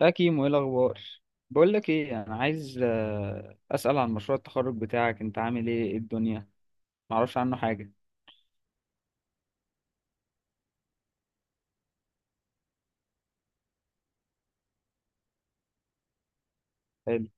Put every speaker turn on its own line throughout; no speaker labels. يا كيمو، ايه الاخبار؟ بقول لك ايه، انا عايز اسال عن مشروع التخرج بتاعك. انت عامل ايه؟ إيه الدنيا؟ ما اعرفش عنه حاجه. حلو.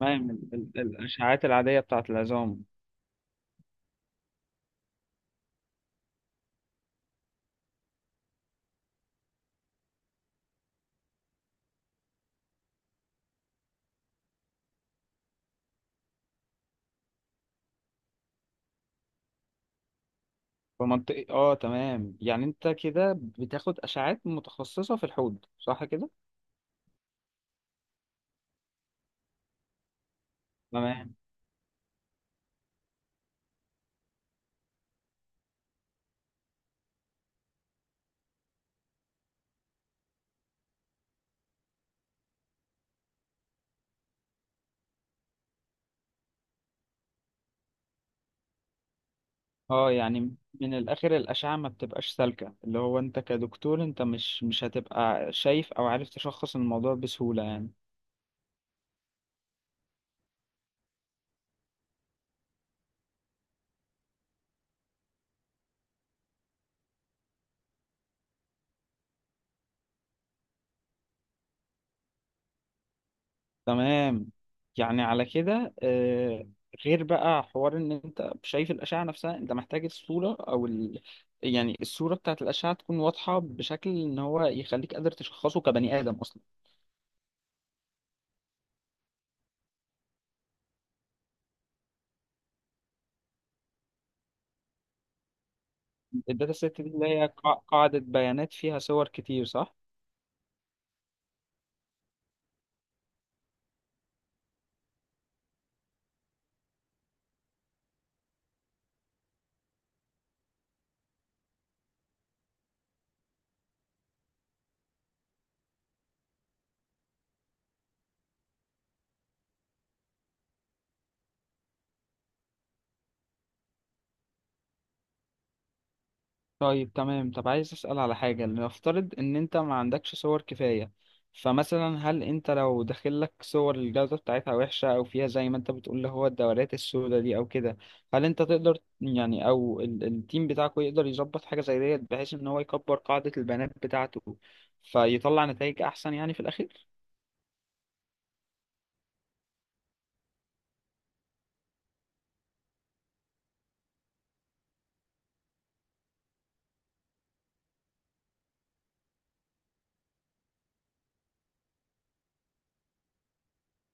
تمام. الاشعاعات العاديه بتاعه العظام. في منطقه، اه، تمام. يعني انت كده بتاخد اشعاعات متخصصه في الحوض، صح كده؟ تمام. اه، يعني من الاخر الاشعه ما بتبقاش سالكه، اللي هو انت كدكتور انت مش هتبقى شايف او عارف تشخص الموضوع بسهوله يعني. تمام. يعني على كده، غير بقى حوار ان انت شايف الاشعه نفسها، انت محتاج الصوره او يعني الصوره بتاعت الاشعه تكون واضحه بشكل ان هو يخليك قادر تشخصه كبني ادم اصلا. الداتا سيت دي اللي هي قاعده بيانات فيها صور كتير، صح؟ طيب، تمام. طب عايز أسأل على حاجة. نفترض إن أنت ما عندكش صور كفاية. فمثلا، هل أنت لو داخلك صور الجودة بتاعتها وحشة أو فيها زي ما أنت بتقول اللي هو الدورات السوداء دي أو كده، هل أنت تقدر يعني، أو التيم بتاعكوا يقدر يظبط حاجة زي ديت، بحيث إن هو يكبر قاعدة البيانات بتاعته فيطلع نتائج أحسن يعني في الأخير؟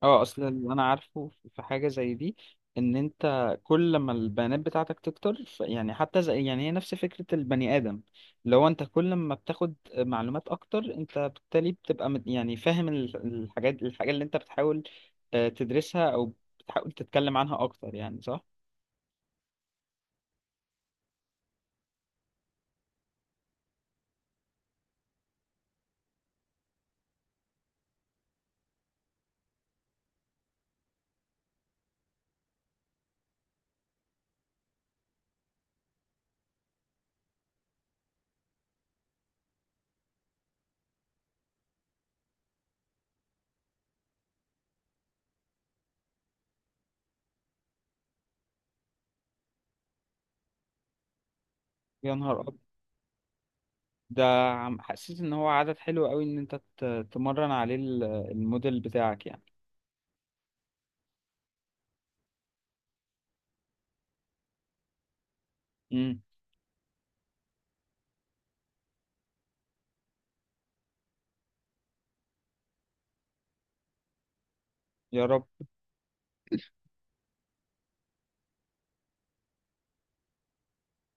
اه، اصل اللي انا عارفه في حاجه زي دي، ان انت كل ما البيانات بتاعتك تكتر، يعني حتى زي يعني هي نفس فكره البني ادم. لو انت كل ما بتاخد معلومات اكتر، انت بالتالي بتبقى يعني فاهم ال- الحاجات الحاجه اللي انت بتحاول تدرسها او بتحاول تتكلم عنها اكتر يعني، صح؟ يا نهار ابيض! ده حسيت ان هو عدد حلو قوي ان انت تمرن عليه الموديل بتاعك يعني. امم. يا رب.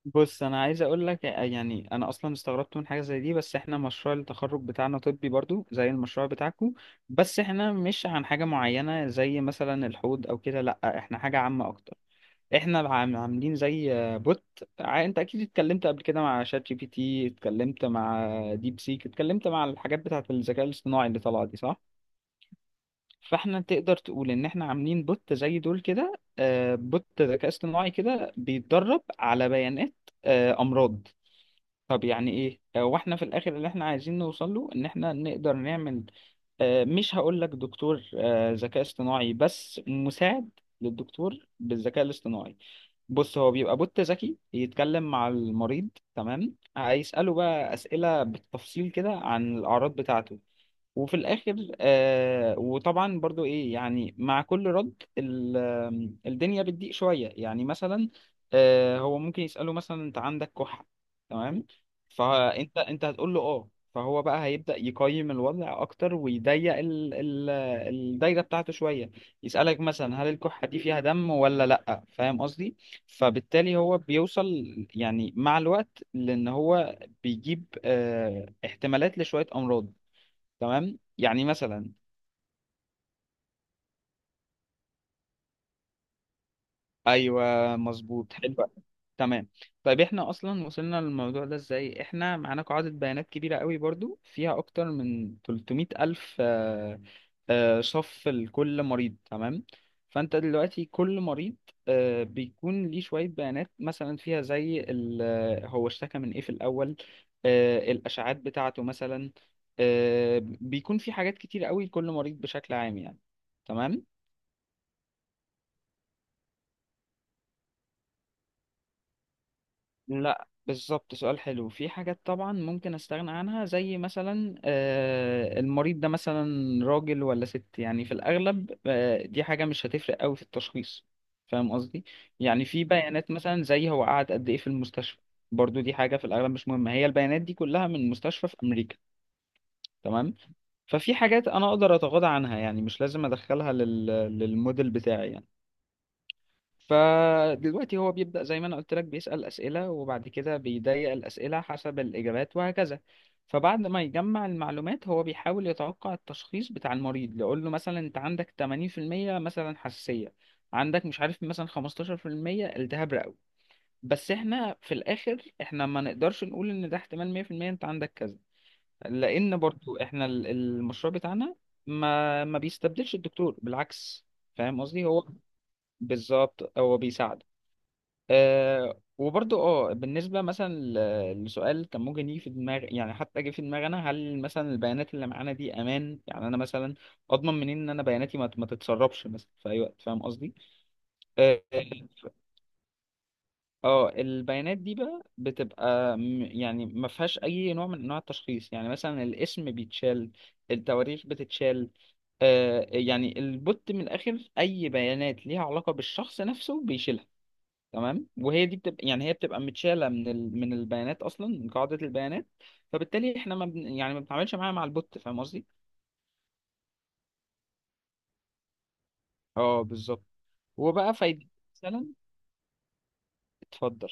بص، انا عايز اقول لك يعني انا اصلا استغربت من حاجه زي دي، بس احنا مشروع التخرج بتاعنا طبي برضو زي المشروع بتاعكو. بس احنا مش عن حاجه معينه زي مثلا الحوض او كده، لا احنا حاجه عامه اكتر. احنا عاملين زي بوت. انت اكيد اتكلمت قبل كده مع شات جي بي تي، اتكلمت مع ديب سيك، اتكلمت مع الحاجات بتاعه الذكاء الاصطناعي اللي طالعه دي، صح؟ فاحنا تقدر تقول ان احنا عاملين بوت زي دول كده. بوت ذكاء اصطناعي كده بيتدرب على بيانات امراض. طب يعني ايه، واحنا في الاخر اللي احنا عايزين نوصل له ان احنا نقدر نعمل مش هقول لك دكتور ذكاء اصطناعي، بس مساعد للدكتور بالذكاء الاصطناعي. بص، هو بيبقى بوت ذكي يتكلم مع المريض. تمام. هيسأله بقى أسئلة بالتفصيل كده عن الأعراض بتاعته. وفي الاخر وطبعا برضو ايه يعني، مع كل رد ال- آم، الدنيا بتضيق شويه يعني، مثلا هو ممكن يساله مثلا، انت عندك كحه؟ تمام. فانت هتقول له اه، فهو بقى هيبدا يقيم الوضع اكتر ويضيق ال الدايره بتاعته شويه. يسالك مثلا، هل الكحه دي فيها دم ولا لا، فاهم قصدي؟ فبالتالي هو بيوصل يعني مع الوقت، لان هو بيجيب احتمالات لشويه امراض. تمام، يعني مثلا. ايوه. مظبوط. حلو أوي. تمام. طيب، احنا اصلا وصلنا للموضوع ده ازاي؟ احنا معانا قاعدة بيانات كبيرة قوي برضو فيها اكتر من 300 الف صف لكل مريض. تمام. فانت دلوقتي كل مريض بيكون ليه شوية بيانات مثلا فيها زي هو اشتكى من ايه في الاول، الاشعاعات بتاعته مثلا. بيكون في حاجات كتير قوي لكل مريض بشكل عام يعني. تمام. لا بالظبط، سؤال حلو. في حاجات طبعا ممكن استغنى عنها، زي مثلا المريض ده مثلا راجل ولا ست، يعني في الاغلب دي حاجة مش هتفرق قوي في التشخيص، فاهم قصدي؟ يعني في بيانات مثلا زي هو قعد قد ايه في المستشفى. برضو دي حاجة في الاغلب مش مهمة. هي البيانات دي كلها من مستشفى في امريكا. تمام. ففي حاجات انا اقدر اتغاضى عنها يعني، مش لازم ادخلها للموديل بتاعي يعني. فدلوقتي هو بيبدأ زي ما انا قلت لك، بيسأل أسئلة وبعد كده بيضيق الأسئلة حسب الإجابات، وهكذا. فبعد ما يجمع المعلومات هو بيحاول يتوقع التشخيص بتاع المريض. يقول له مثلا انت عندك 80% مثلا حساسية، عندك مش عارف مثلا 15% التهاب رئوي. بس احنا في الاخر، احنا ما نقدرش نقول ان ده احتمال 100% انت عندك كذا. لان برضو احنا المشروع بتاعنا ما بيستبدلش الدكتور، بالعكس. فاهم قصدي؟ هو بالظبط هو بيساعد. وبرضو بالنسبة مثلا لسؤال كان ممكن يجي في دماغ، يعني حتى جه في دماغي انا، هل مثلا البيانات اللي معانا دي امان؟ يعني انا مثلا اضمن منين ان انا بياناتي ما تتسربش مثلا في اي وقت، فاهم قصدي؟ اه. البيانات دي بقى بتبقى يعني ما فيهاش اي نوع من انواع التشخيص. يعني مثلا الاسم بيتشال، التواريخ بتتشال. يعني البوت من الاخر اي بيانات ليها علاقة بالشخص نفسه بيشيلها. تمام. وهي دي بتبقى يعني، هي بتبقى متشاله من البيانات، اصلا من قاعده البيانات. فبالتالي احنا ما بن... يعني ما بنتعاملش معاها مع البوت، فاهم قصدي؟ اه بالظبط. وبقى فايد مثلا. اتفضل.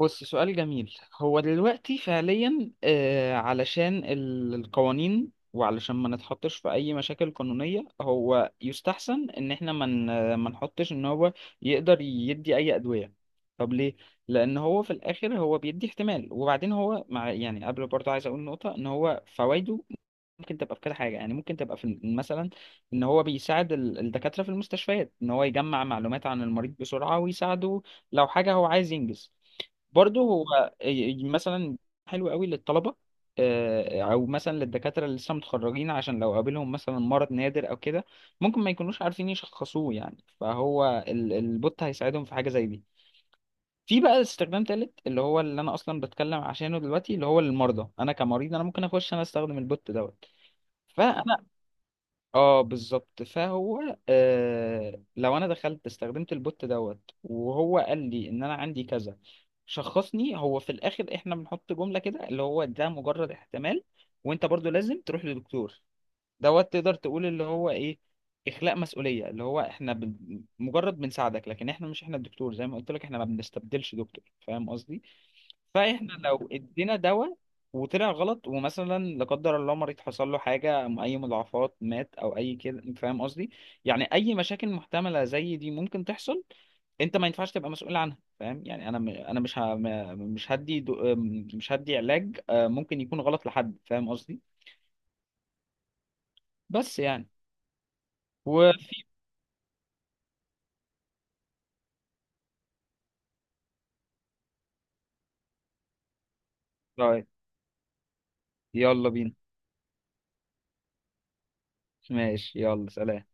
بص، سؤال جميل. هو دلوقتي فعليا، علشان القوانين وعلشان ما نتحطش في اي مشاكل قانونية، هو يستحسن ان احنا ما نحطش ان هو يقدر يدي اي ادوية. طب ليه؟ لان هو في الاخر هو بيدي احتمال. وبعدين هو مع يعني، قبل، برضه عايز اقول نقطة، ان هو فوائده ممكن تبقى في كذا حاجة، يعني ممكن تبقى في مثلا ان هو بيساعد الدكاترة في المستشفيات، ان هو يجمع معلومات عن المريض بسرعة ويساعده لو حاجة هو عايز ينجز. برضه هو مثلا حلو قوي للطلبة، او مثلا للدكاترة اللي لسه متخرجين، عشان لو قابلهم مثلا مرض نادر او كده، ممكن ما يكونوش عارفين يشخصوه، يعني فهو البوت هيساعدهم في حاجة زي دي. في بقى استخدام تالت اللي هو اللي انا اصلا بتكلم عشانه دلوقتي، اللي هو للمرضى. انا كمريض انا ممكن اخش انا استخدم البوت دوت. فانا اه بالظبط، فهو لو انا دخلت استخدمت البوت دوت وهو قال لي ان انا عندي كذا، شخصني. هو في الاخر احنا بنحط جملة كده اللي هو ده مجرد احتمال، وانت برضو لازم تروح لدكتور دوت. تقدر تقول اللي هو ايه، اخلاء مسؤولية، اللي هو احنا مجرد بنساعدك، لكن احنا مش احنا الدكتور زي ما قلت لك، احنا ما بنستبدلش دكتور، فاهم قصدي؟ فاحنا لو ادينا دواء وطلع غلط، ومثلا لا قدر الله مريض حصل له حاجه، اي مضاعفات، مات او اي كده، انت فاهم قصدي. يعني اي مشاكل محتمله زي دي ممكن تحصل، انت ما ينفعش تبقى مسؤول عنها، فاهم؟ يعني انا انا مش ه... م- مش هدي دو... م- مش هدي علاج ممكن يكون غلط لحد، فاهم قصدي؟ بس يعني و طيب. يلا بينا. ماشي. يلا سلام.